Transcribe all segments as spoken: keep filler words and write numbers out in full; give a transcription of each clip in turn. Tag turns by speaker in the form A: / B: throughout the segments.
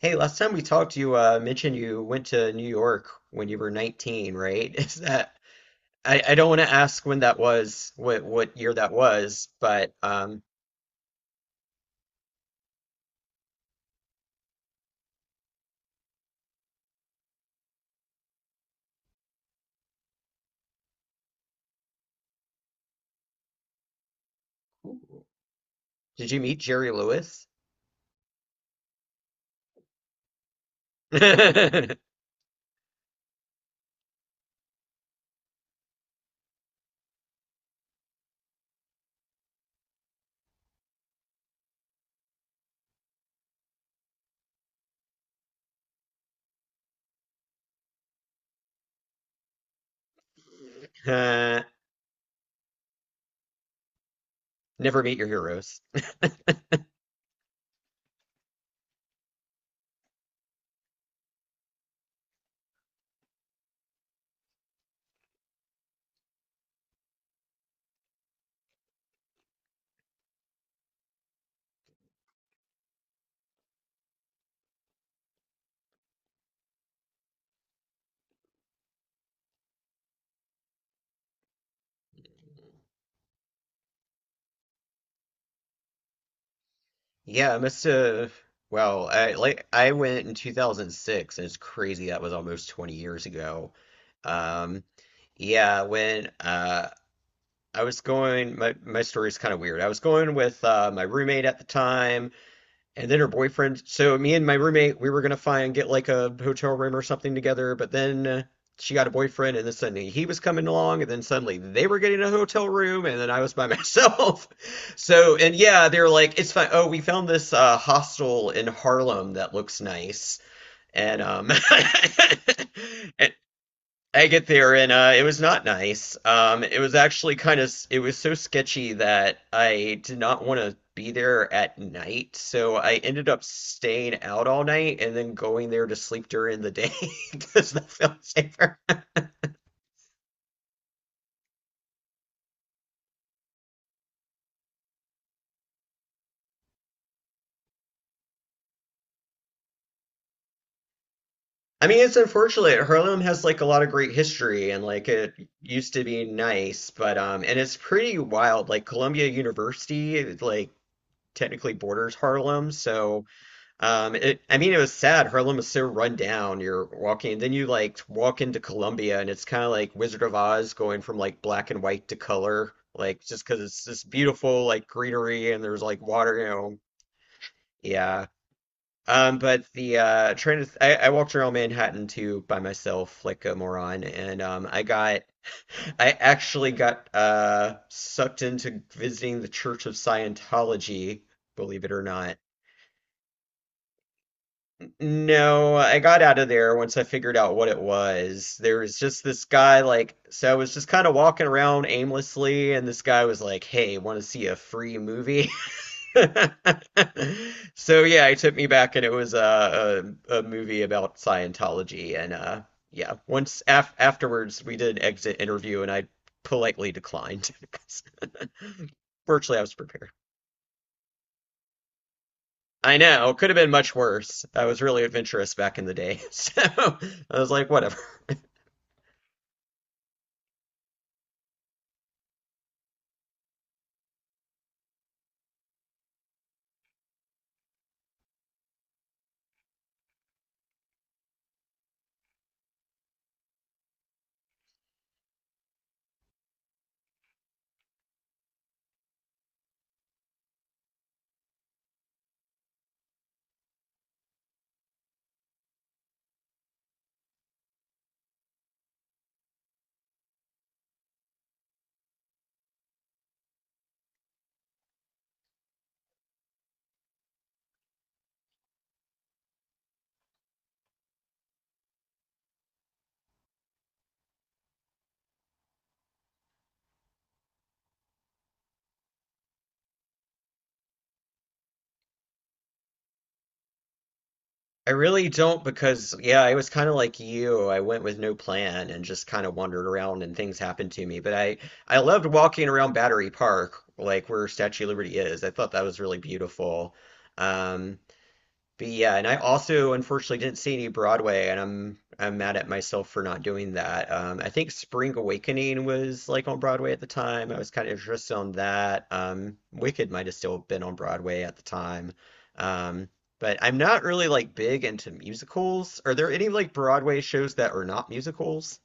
A: Hey, last time we talked, you uh, mentioned you went to New York when you were nineteen, right? Is that I, I don't want to ask when that was, what what year that was, but um, did you meet Jerry Lewis? Uh, Never meet your heroes. Yeah, I must have. Well, I like I went in two thousand six, and it's crazy that was almost twenty years ago. Um, yeah, when uh I was going, my my story's kind of weird. I was going with uh, my roommate at the time and then her boyfriend. So me and my roommate, we were gonna find get like a hotel room or something together, but then uh, she got a boyfriend, and then suddenly he was coming along, and then suddenly they were getting a hotel room, and then I was by myself. So and yeah, they're like, it's fine. Oh, we found this uh, hostel in Harlem that looks nice, and um, and I get there and uh, it was not nice. Um, it was actually kind of it was so sketchy that I did not want to be there at night, so I ended up staying out all night and then going there to sleep during the day because that felt safer. I mean, it's unfortunate. Harlem has like a lot of great history and like it used to be nice, but um, and it's pretty wild. Like Columbia University, like technically borders Harlem, so. Um, it, I mean, it was sad. Harlem was so run down. You're walking, then you like walk into Columbia, and it's kind of like Wizard of Oz going from like black and white to color, like just because it's this beautiful like greenery and there's like water, you know. Yeah. Um, but the uh, trying to, th- I, I walked around Manhattan too by myself, like a moron, and um, I got, I actually got uh sucked into visiting the Church of Scientology, believe it or not. No, I got out of there once I figured out what it was. There was just this guy, like, so I was just kind of walking around aimlessly, and this guy was like, hey, want to see a free movie? So, yeah, he took me back, and it was uh, a, a movie about Scientology. And uh, yeah, once af afterwards, we did an exit interview, and I politely declined because virtually I was prepared. I know, could have been much worse. I was really adventurous back in the day. So I was like, whatever. I really don't because, yeah, I was kind of like you. I went with no plan and just kind of wandered around and things happened to me. But I, I loved walking around Battery Park, like where Statue of Liberty is. I thought that was really beautiful. Um, but yeah, and I also unfortunately didn't see any Broadway, and I'm I'm mad at myself for not doing that. Um, I think Spring Awakening was like on Broadway at the time. I was kind of interested on that. Um, Wicked might have still been on Broadway at the time. Um, but I'm not really like big into musicals. Are there any like Broadway shows that are not musicals?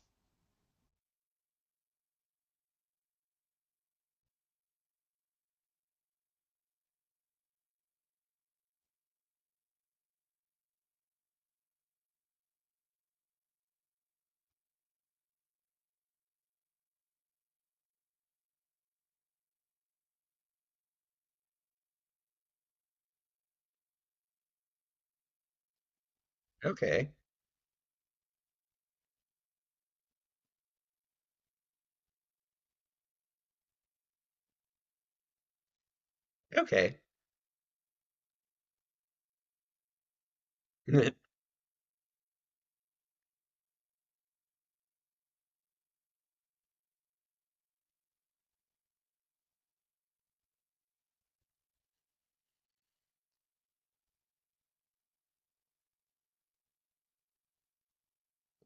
A: Okay, okay,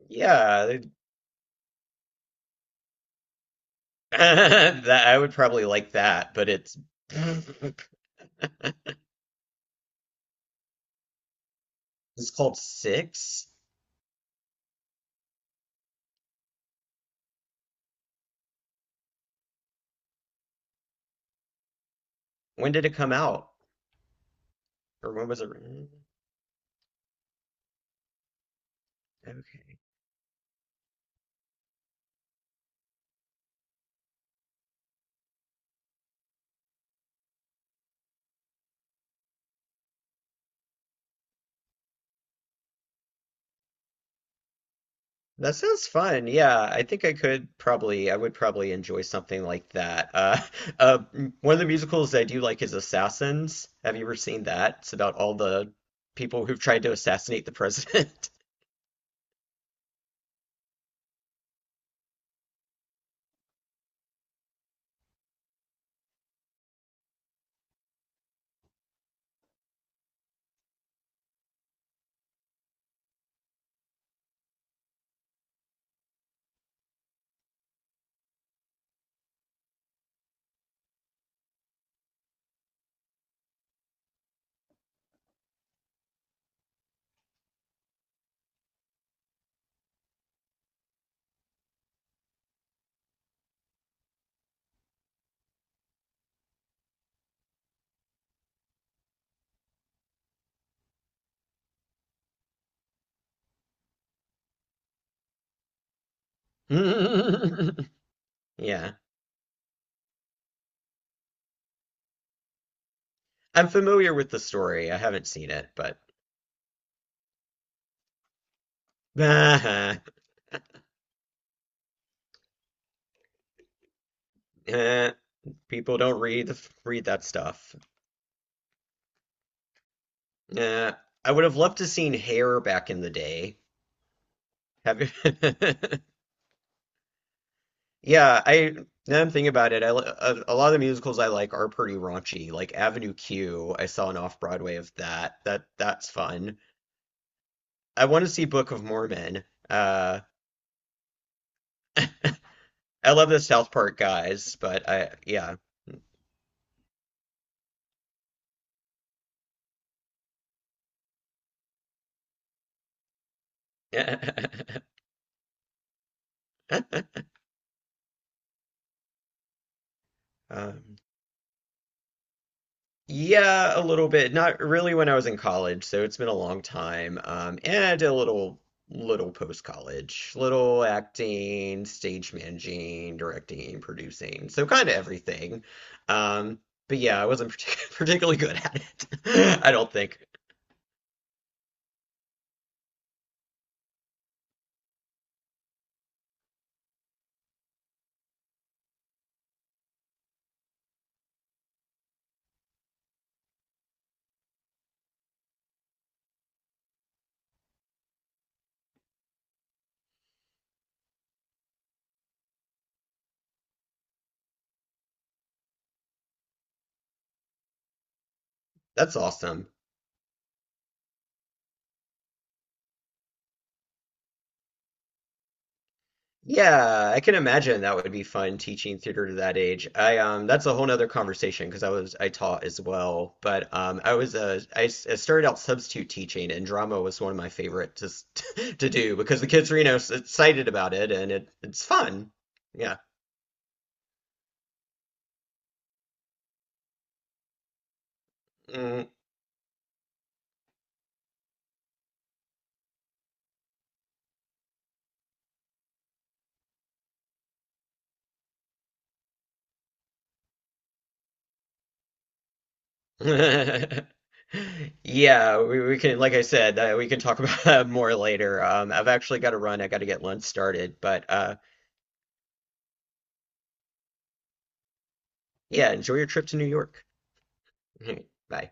A: yeah, they- that I would probably like that, but it's it's called Six. When did it come out? Or when was it written? Okay. That sounds fun. Yeah, I think I could probably, I would probably enjoy something like that. Uh, uh, m- one of the musicals I do like is Assassins. Have you ever seen that? It's about all the people who've tried to assassinate the president. Yeah. I'm familiar with the story. I haven't seen it, but eh, people don't read read that stuff. Eh, I would have loved to seen Hair back in the day. Have you? Yeah, I now I'm thinking about it. I li- a, a lot of the musicals I like are pretty raunchy. Like Avenue Q, I saw an off-Broadway of that. That that's fun. I want to see Book of Mormon. Uh, I love the South Park guys, but I yeah. Um, Yeah, a little bit. Not really when I was in college, so it's been a long time. Um, and I did a little, little post-college, little acting, stage managing, directing, producing, so kind of everything. Um, but yeah, I wasn't partic- particularly good at it. I don't think. That's awesome. Yeah, I can imagine that would be fun teaching theater to that age. I um that's a whole nother conversation because I was I taught as well, but um I was uh, I, s- I started out substitute teaching and drama was one of my favorite to s- to do because the kids are you know s- excited about it and it it's fun. Yeah. Mm. Yeah, we, we can like I said, uh, we can talk about that more later. Um I've actually got to run. I got to get lunch started, but uh yeah, enjoy your trip to New York. Bye.